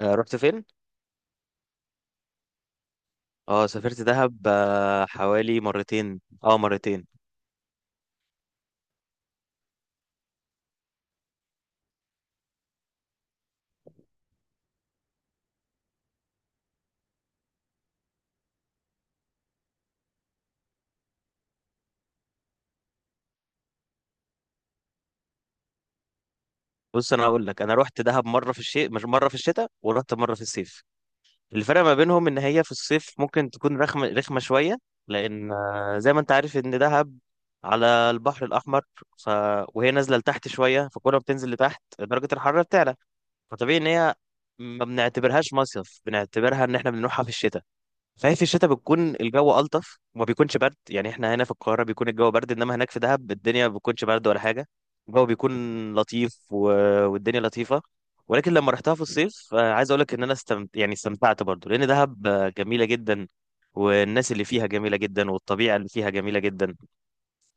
رحت فين؟ اه، سافرت دهب، حوالي مرتين، مرتين. بص انا هقول لك، انا رحت دهب مره في الشتاء، مش مره في الشتاء ورحت مره في الصيف. الفرق ما بينهم ان هي في الصيف ممكن تكون رخمه رخمه شويه، لان زي ما انت عارف ان دهب على البحر الاحمر. ف... وهي نازله لتحت شويه، فكل ما بتنزل لتحت درجه الحراره بتعلى. فطبيعي ان هي ما بنعتبرهاش مصيف، بنعتبرها ان احنا بنروحها في الشتاء. صحيح في الشتاء بتكون الجو ألطف وما بيكونش برد، يعني احنا هنا في القاهرة بيكون الجو برد، انما هناك في دهب الدنيا ما بتكونش برد ولا حاجة. الجو بيكون لطيف والدنيا لطيفة. ولكن لما رحتها في الصيف، عايز اقول لك ان انا استمتعت برضو، لان دهب جميلة جدا. والناس اللي فيها جميلة جدا والطبيعة اللي فيها جميلة جدا.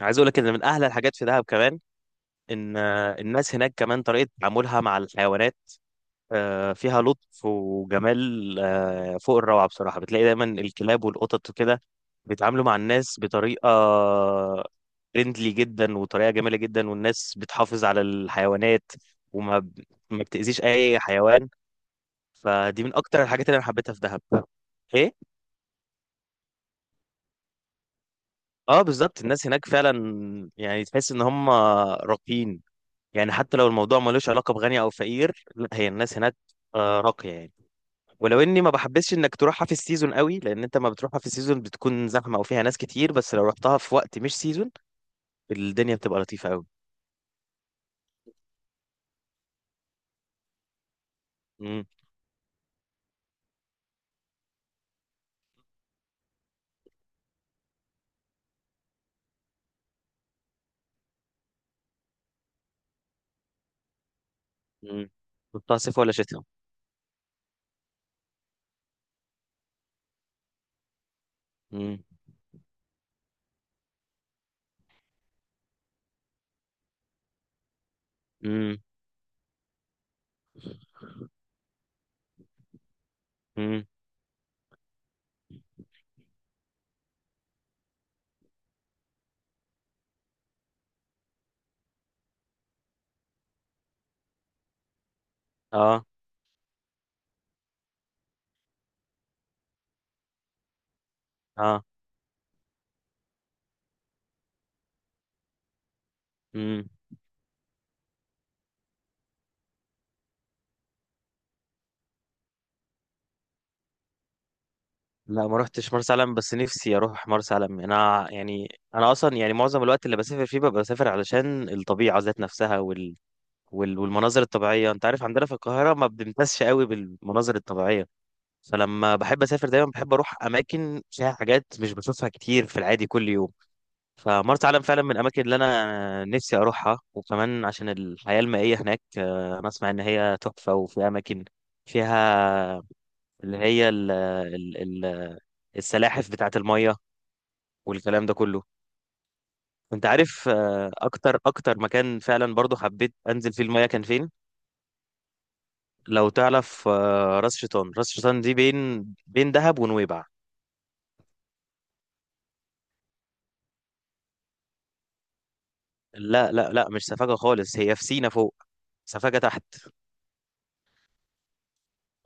عايز اقول لك ان من احلى الحاجات في دهب كمان، ان الناس هناك كمان طريقة تعاملها مع الحيوانات فيها لطف وجمال، فوق الروعة بصراحة. بتلاقي دايما الكلاب والقطط وكده بيتعاملوا مع الناس بطريقة فريندلي جدا، وطريقة جميلة جدا، والناس بتحافظ على الحيوانات، وما ب- ما بتأذيش أي حيوان. فدي من أكتر الحاجات اللي أنا حبيتها في دهب. إيه؟ أه بالظبط، الناس هناك فعلا يعني تحس إن هم راقيين. يعني حتى لو الموضوع ملوش علاقة بغني أو فقير، لا، هي الناس هناك راقية يعني. ولو اني ما بحبسش انك تروحها في السيزون قوي، لان انت ما بتروحها في السيزون بتكون زحمه او فيها ناس كتير، بس لو رحتها في وقت مش سيزون الدنيا بتبقى لطيفه قوي. امم. امم. رحتها صيف ولا شتاء؟ امم. امم. امم. اه. اه. امم. لا، ما رحتش مرسى علم، بس نفسي اروح مرسى علم. انا يعني انا اصلا يعني معظم الوقت اللي بسافر فيه ببقى بسافر علشان الطبيعه ذات نفسها، والمناظر الطبيعيه. انت عارف عندنا في القاهره ما بنمتازش قوي بالمناظر الطبيعيه، فلما بحب اسافر دايما بحب اروح اماكن فيها حاجات مش بشوفها كتير في العادي كل يوم. فمرسى علم فعلا من الاماكن اللي انا نفسي اروحها، وكمان عشان الحياه المائيه هناك، انا اسمع ان هي تحفه، وفي اماكن فيها اللي هي ال ال ال السلاحف بتاعه الميه والكلام ده كله. انت عارف اكتر اكتر مكان فعلا برضو حبيت انزل فيه الميه كان فين؟ لو تعرف، راس شيطان. راس شيطان دي بين بين دهب ونويبع. لا لا لا، مش سفاجة خالص، هي في سينا فوق، سفاجة تحت.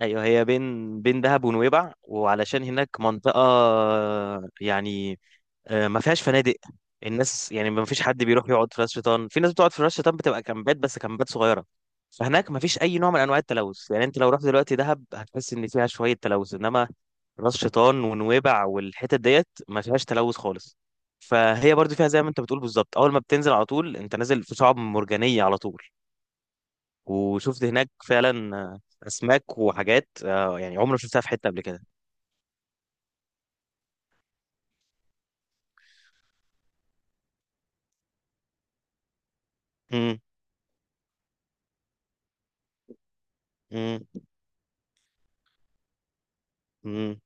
ايوه هي بين بين دهب ونويبع. وعلشان هناك منطقة يعني ما فيهاش فنادق، الناس يعني ما فيش حد بيروح يقعد في راس شيطان. في ناس بتقعد في راس شيطان بتبقى كامبات، بس كامبات صغيرة. فهناك ما فيش اي نوع من انواع التلوث. يعني انت لو رحت دلوقتي دهب هتحس ان فيها شوية تلوث، انما راس شيطان ونويبع والحتت ديت ما فيهاش تلوث خالص. فهي برضو فيها زي ما انت بتقول بالظبط، اول ما بتنزل على طول انت نازل في شعاب مرجانية على طول. وشفت هناك فعلا اسماك وحاجات يعني عمري ما شفتها في حته قبل كده. امم. امم. امم.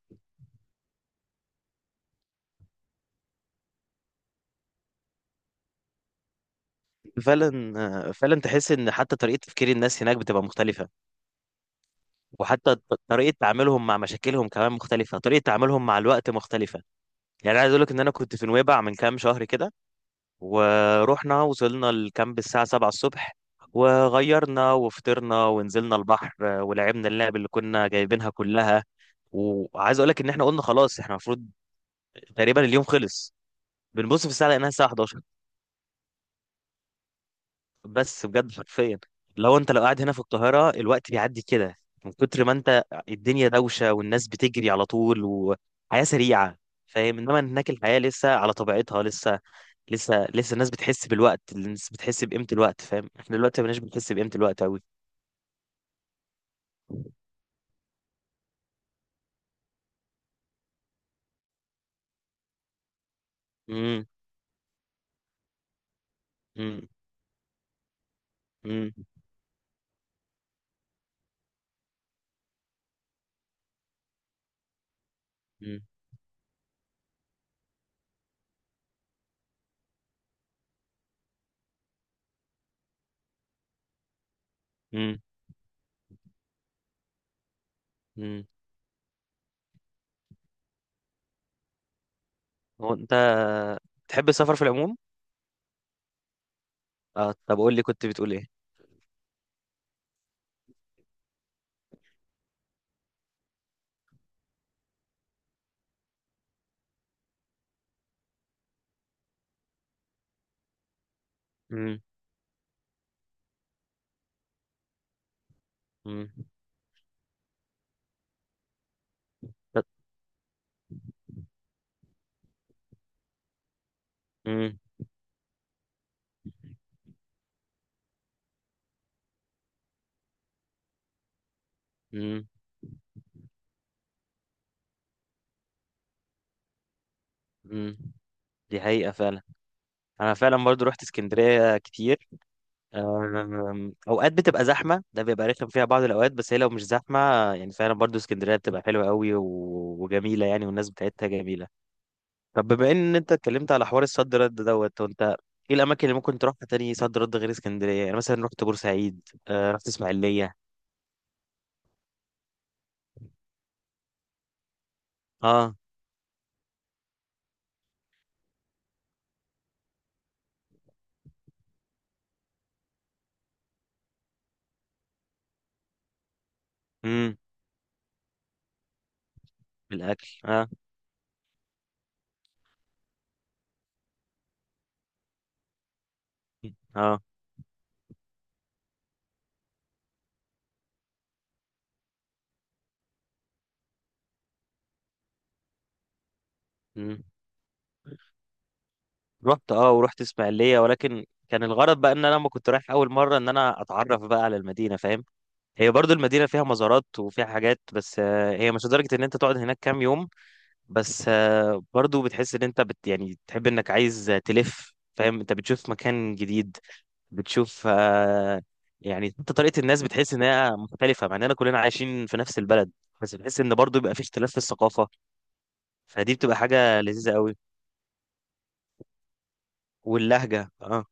فعلا، فعلا تحس ان حتى طريقه تفكير الناس هناك بتبقى مختلفه. وحتى طريقه تعاملهم مع مشاكلهم كمان مختلفه، طريقه تعاملهم مع الوقت مختلفه. يعني عايز اقول لك ان انا كنت في نويبع من كام شهر كده، ورحنا وصلنا الكامب الساعه 7 الصبح، وغيرنا وفطرنا ونزلنا البحر، ولعبنا اللعب اللي كنا جايبينها كلها. وعايز اقول لك ان احنا قلنا خلاص احنا المفروض تقريبا اليوم خلص، بنبص في الساعه لقيناها الساعه 11. بس بجد حرفيا، لو انت لو قاعد هنا في القاهره الوقت بيعدي كده، من كتر ما انت الدنيا دوشه والناس بتجري على طول وحياه سريعه، فاهم؟ انما هناك الحياه لسه على طبيعتها. لسه، لسه لسه الناس بتحس بالوقت، الناس بتحس بقيمه الوقت، فاهم؟ احنا دلوقتي ما بناش بنحس بقيمه الوقت قوي. امم. امم. امم. امم. امم. هو انت تحب السفر في العموم؟ اه طب قول لي كنت بتقول ايه؟ امم. امم. مم. دي حقيقة فعلا. أنا فعلا برضو رحت اسكندرية كتير. أوقات بتبقى زحمة، ده بيبقى رخم فيها بعض الأوقات، بس هي لو مش زحمة يعني فعلا برضو اسكندرية بتبقى حلوة قوي وجميلة يعني، والناس بتاعتها جميلة. طب بما إن أنت اتكلمت على حوار الصد رد دوت وأنت، إيه الأماكن اللي ممكن تروحها تاني صد رد غير اسكندرية؟ يعني مثلا رحت بورسعيد، رحت إسماعيلية. أه. أمم. الأكل أه. أه. مم. رحت اه ورحت اسماعيليه، ولكن كان الغرض بقى ان انا لما كنت رايح اول مره ان انا اتعرف بقى على المدينه، فاهم؟ هي برضو المدينه فيها مزارات وفيها حاجات، بس هي مش لدرجه ان انت تقعد هناك كام يوم. بس برضو بتحس ان انت يعني تحب انك عايز تلف، فاهم؟ انت بتشوف مكان جديد، بتشوف يعني انت طريقه الناس بتحس انها مختلفه، مع اننا كلنا عايشين في نفس البلد. بس بتحس ان برضو بيبقى في اختلاف في الثقافه. فدي بتبقى حاجه لذيذه قوي. واللهجه اه.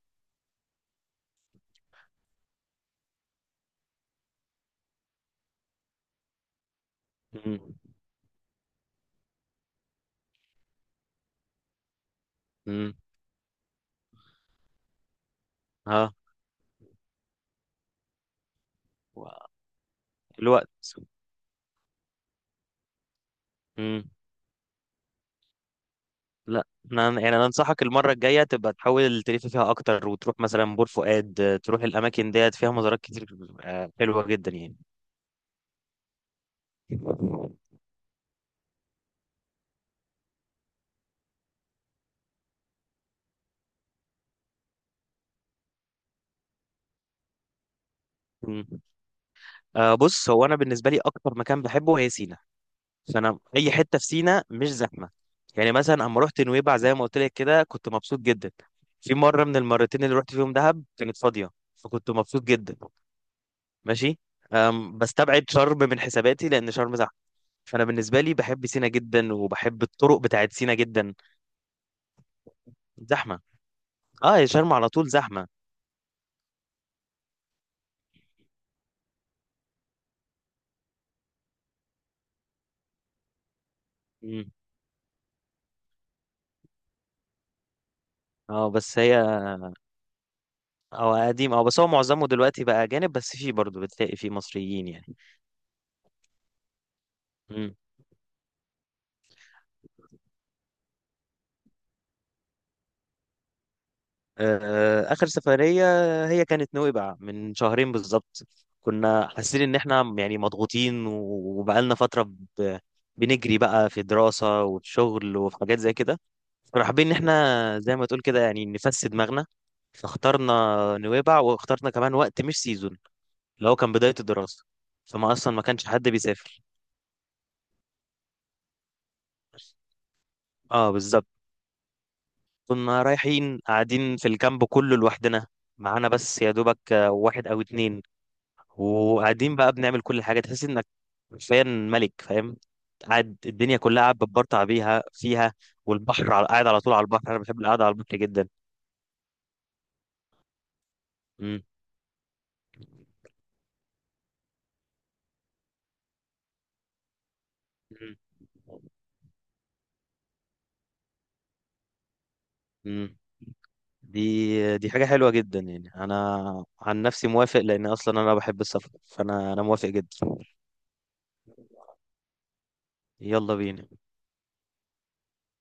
امم. امم. اه. الوقت. امم. لا انا يعني انا انصحك المره الجايه تبقى تحاول تلف فيها اكتر، وتروح مثلا بور فؤاد، تروح الاماكن ديت، فيها مزارات كتير حلوه جدا يعني. مم. بص، هو انا بالنسبه لي اكتر مكان بحبه هي سينا. فانا اي حته في سينا مش زحمه. يعني مثلا اما رحت نويبع زي ما قلت لك كده كنت مبسوط جدا. في مره من المرتين اللي رحت فيهم دهب كانت فاضيه، فكنت مبسوط جدا. ماشي. بستبعد شرم من حساباتي لان شرم زحمه. فانا بالنسبه لي بحب سينا جدا، وبحب الطرق بتاعت سينا جدا. زحمه، اه، يا شرم على طول زحمه. مم. اه بس هي، اه قديم، اه بس هو معظمه دلوقتي بقى اجانب، بس فيه برضه بتلاقي فيه مصريين يعني. مم. آخر سفرية هي كانت نويبع من شهرين بالظبط. كنا حاسين إن إحنا يعني مضغوطين وبقالنا فترة، ب- بنجري بقى في دراسة وفي شغل وفي حاجات زي كده. كنا حابين إن إحنا زي ما تقول كده يعني نفسي دماغنا. فاخترنا نويبع، واخترنا كمان وقت مش سيزون، اللي هو كان بداية الدراسة. فما أصلا ما كانش حد بيسافر. اه بالظبط. كنا رايحين قاعدين في الكامب كله لوحدنا، معانا بس يا دوبك واحد أو اتنين. وقاعدين بقى بنعمل كل حاجه، تحس انك حرفيا ملك، فاهم؟ قاعد الدنيا كلها قاعد بتبرطع بيها فيها. والبحر قاعد على طول على البحر، انا بحب القعده على البحر جدا. مم. مم. مم. دي حاجه حلوه جدا يعني، انا عن نفسي موافق لان اصلا انا بحب السفر، فانا موافق جدا. يلا بينا.